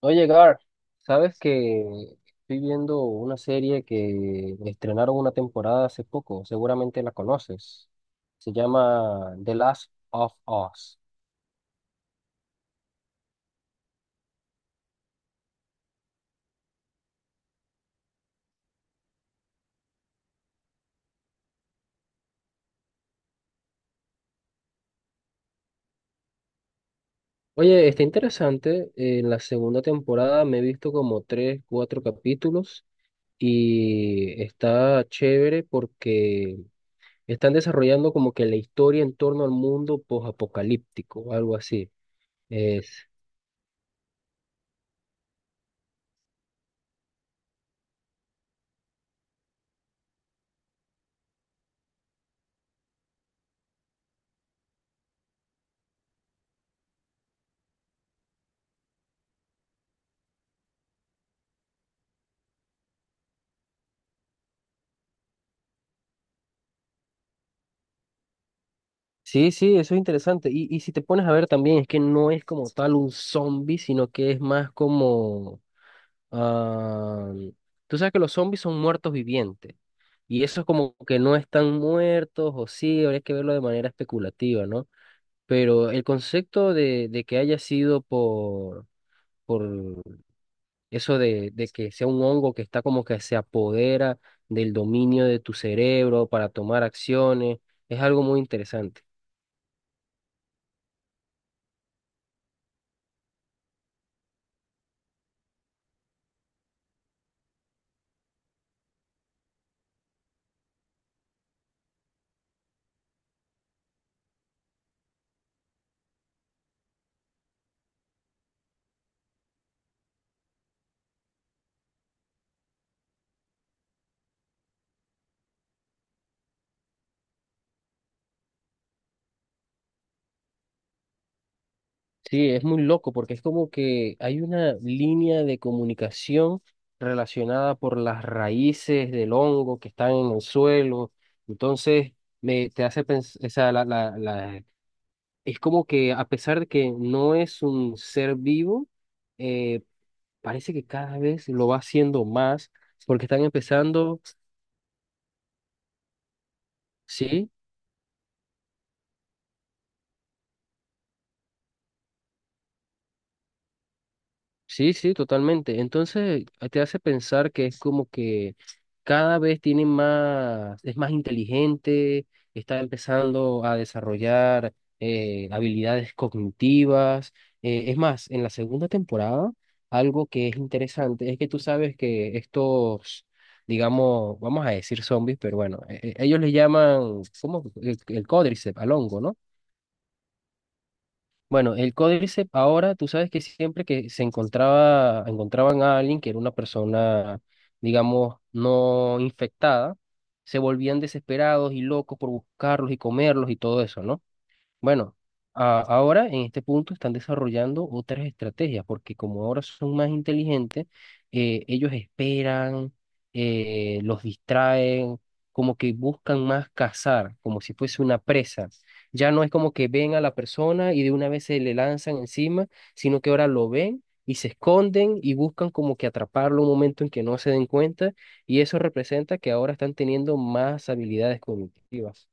Oye, Gar, ¿sabes que estoy viendo una serie que estrenaron una temporada hace poco? Seguramente la conoces. Se llama The Last of Us. Oye, está interesante. En la segunda temporada me he visto como tres, cuatro capítulos y está chévere porque están desarrollando como que la historia en torno al mundo posapocalíptico, algo así. Sí, sí, eso es interesante. Y si te pones a ver también, es que no es como tal un zombie, sino que es más como ah, tú sabes que los zombies son muertos vivientes. Y eso es como que no están muertos, o sí, habría que verlo de manera especulativa, ¿no? Pero el concepto de que haya sido por eso de que sea un hongo que está como que se apodera del dominio de tu cerebro para tomar acciones, es algo muy interesante. Sí, es muy loco porque es como que hay una línea de comunicación relacionada por las raíces del hongo que están en el suelo. Entonces, me, te hace pensar, o sea, es como que a pesar de que no es un ser vivo, eh, parece que cada vez lo va haciendo más porque están empezando, sí. Sí, sí, totalmente. Entonces te hace pensar que es como que cada vez tiene más, es más inteligente, está empezando a desarrollar habilidades cognitivas. Es más, en la segunda temporada, algo que es interesante es que tú sabes que estos, digamos, vamos a decir zombies, pero bueno, ellos le llaman, ¿cómo? El Códriceps, al hongo, ¿no? Bueno, el Códice ahora, tú sabes que siempre que se encontraba, encontraban a alguien que era una persona, digamos, no infectada, se volvían desesperados y locos por buscarlos y comerlos y todo eso, ¿no? Bueno, ahora en este punto están desarrollando otras estrategias, porque como ahora son más inteligentes, ellos esperan, los distraen, como que buscan más cazar, como si fuese una presa. Ya no es como que ven a la persona y de una vez se le lanzan encima, sino que ahora lo ven y se esconden y buscan como que atraparlo un momento en que no se den cuenta, y eso representa que ahora están teniendo más habilidades cognitivas.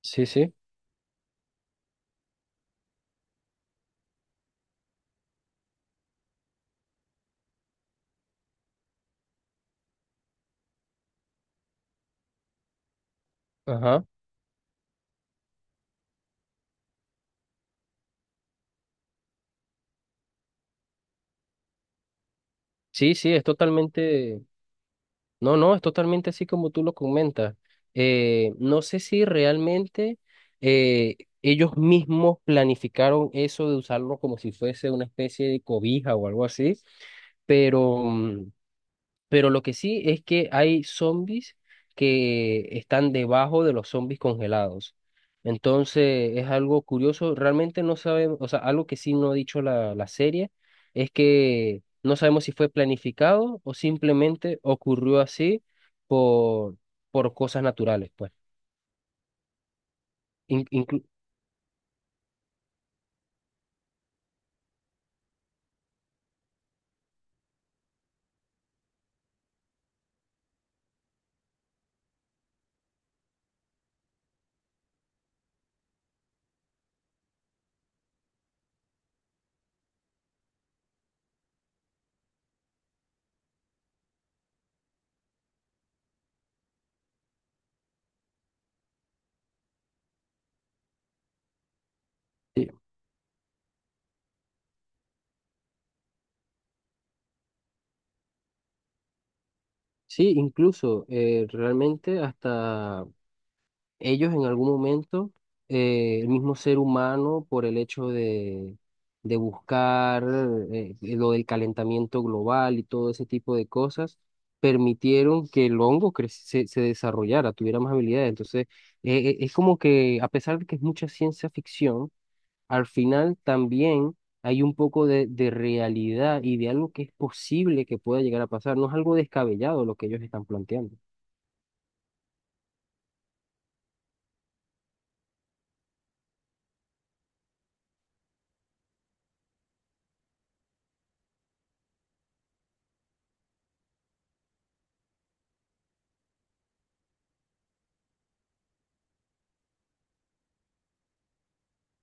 Sí, sí. Ajá. Sí, sí, es totalmente, no, no, es totalmente así como tú lo comentas. No sé si realmente eh, ellos mismos planificaron eso de usarlo como si fuese una especie de cobija o algo así, pero pero lo que sí es que hay zombies que están debajo de los zombies congelados. Entonces es algo curioso, realmente no sabemos, o sea, algo que sí no ha dicho la serie es que no sabemos si fue planificado o simplemente ocurrió así por, por cosas naturales, pues. In- inclu- eh, sí, incluso realmente hasta ellos en algún momento, el mismo ser humano, por el hecho de buscar lo del calentamiento global y todo ese tipo de cosas, permitieron que el se, se desarrollara, tuviera más habilidades. Entonces, es como que, a pesar de que es mucha ciencia ficción, al final también hay un poco de realidad y de algo que es posible que pueda llegar a pasar. No es algo descabellado lo que ellos están planteando.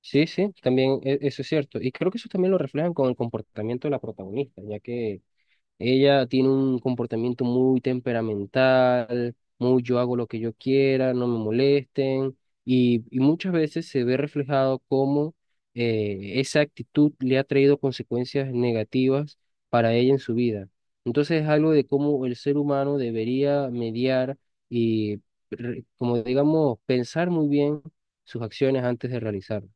Sí, sí, también eso es cierto. Y creo que eso también lo reflejan con el comportamiento de la protagonista, ya que ella tiene un comportamiento muy temperamental, muy yo hago lo que yo quiera, no me molesten, y muchas veces se ve reflejado cómo esa actitud le ha traído consecuencias negativas para ella en su vida. Entonces es algo de cómo el ser humano debería mediar y, como digamos, pensar muy bien sus acciones antes de realizarlas.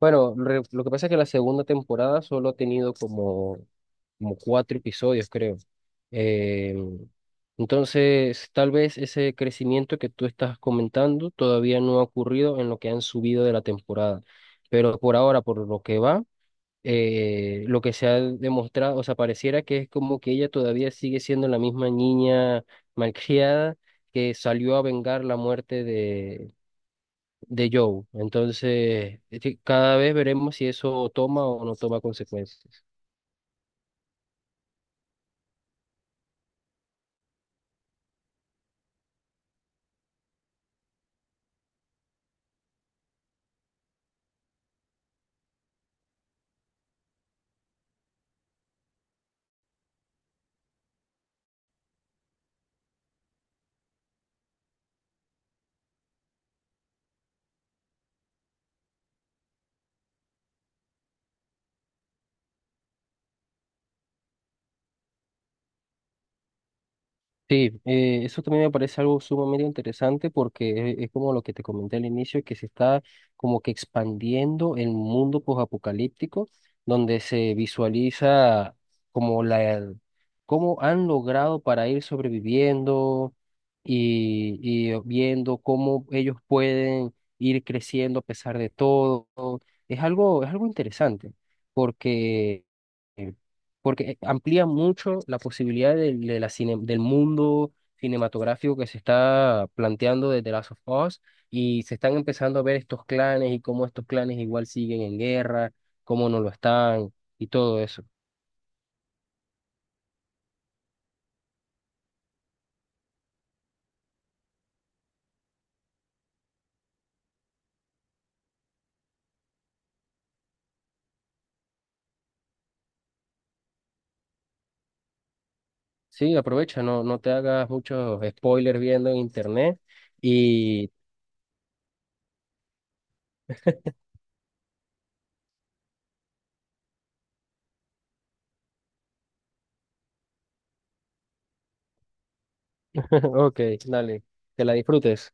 Bueno, lo que pasa es que la segunda temporada solo ha tenido como, como cuatro episodios, creo. Eh, entonces, tal vez ese crecimiento que tú estás comentando todavía no ha ocurrido en lo que han subido de la temporada. Pero por ahora, por lo que va, lo que se ha demostrado, o sea, pareciera que es como que ella todavía sigue siendo la misma niña malcriada que salió a vengar la muerte de Joe. Entonces, es que cada vez veremos si eso toma o no toma consecuencias. Sí, eso también me parece algo sumamente interesante porque es como lo que te comenté al inicio, que se está como que expandiendo el mundo posapocalíptico, donde se visualiza como la, cómo han logrado para ir sobreviviendo y viendo cómo ellos pueden ir creciendo a pesar de todo. Es algo interesante porque, eh, porque amplía mucho la posibilidad del, de la del mundo cinematográfico que se está planteando desde The Last of Us y se están empezando a ver estos clanes y cómo estos clanes igual siguen en guerra, cómo no lo están y todo eso. Sí, aprovecha, no, no te hagas muchos spoilers viendo en internet y ok, dale, que la disfrutes.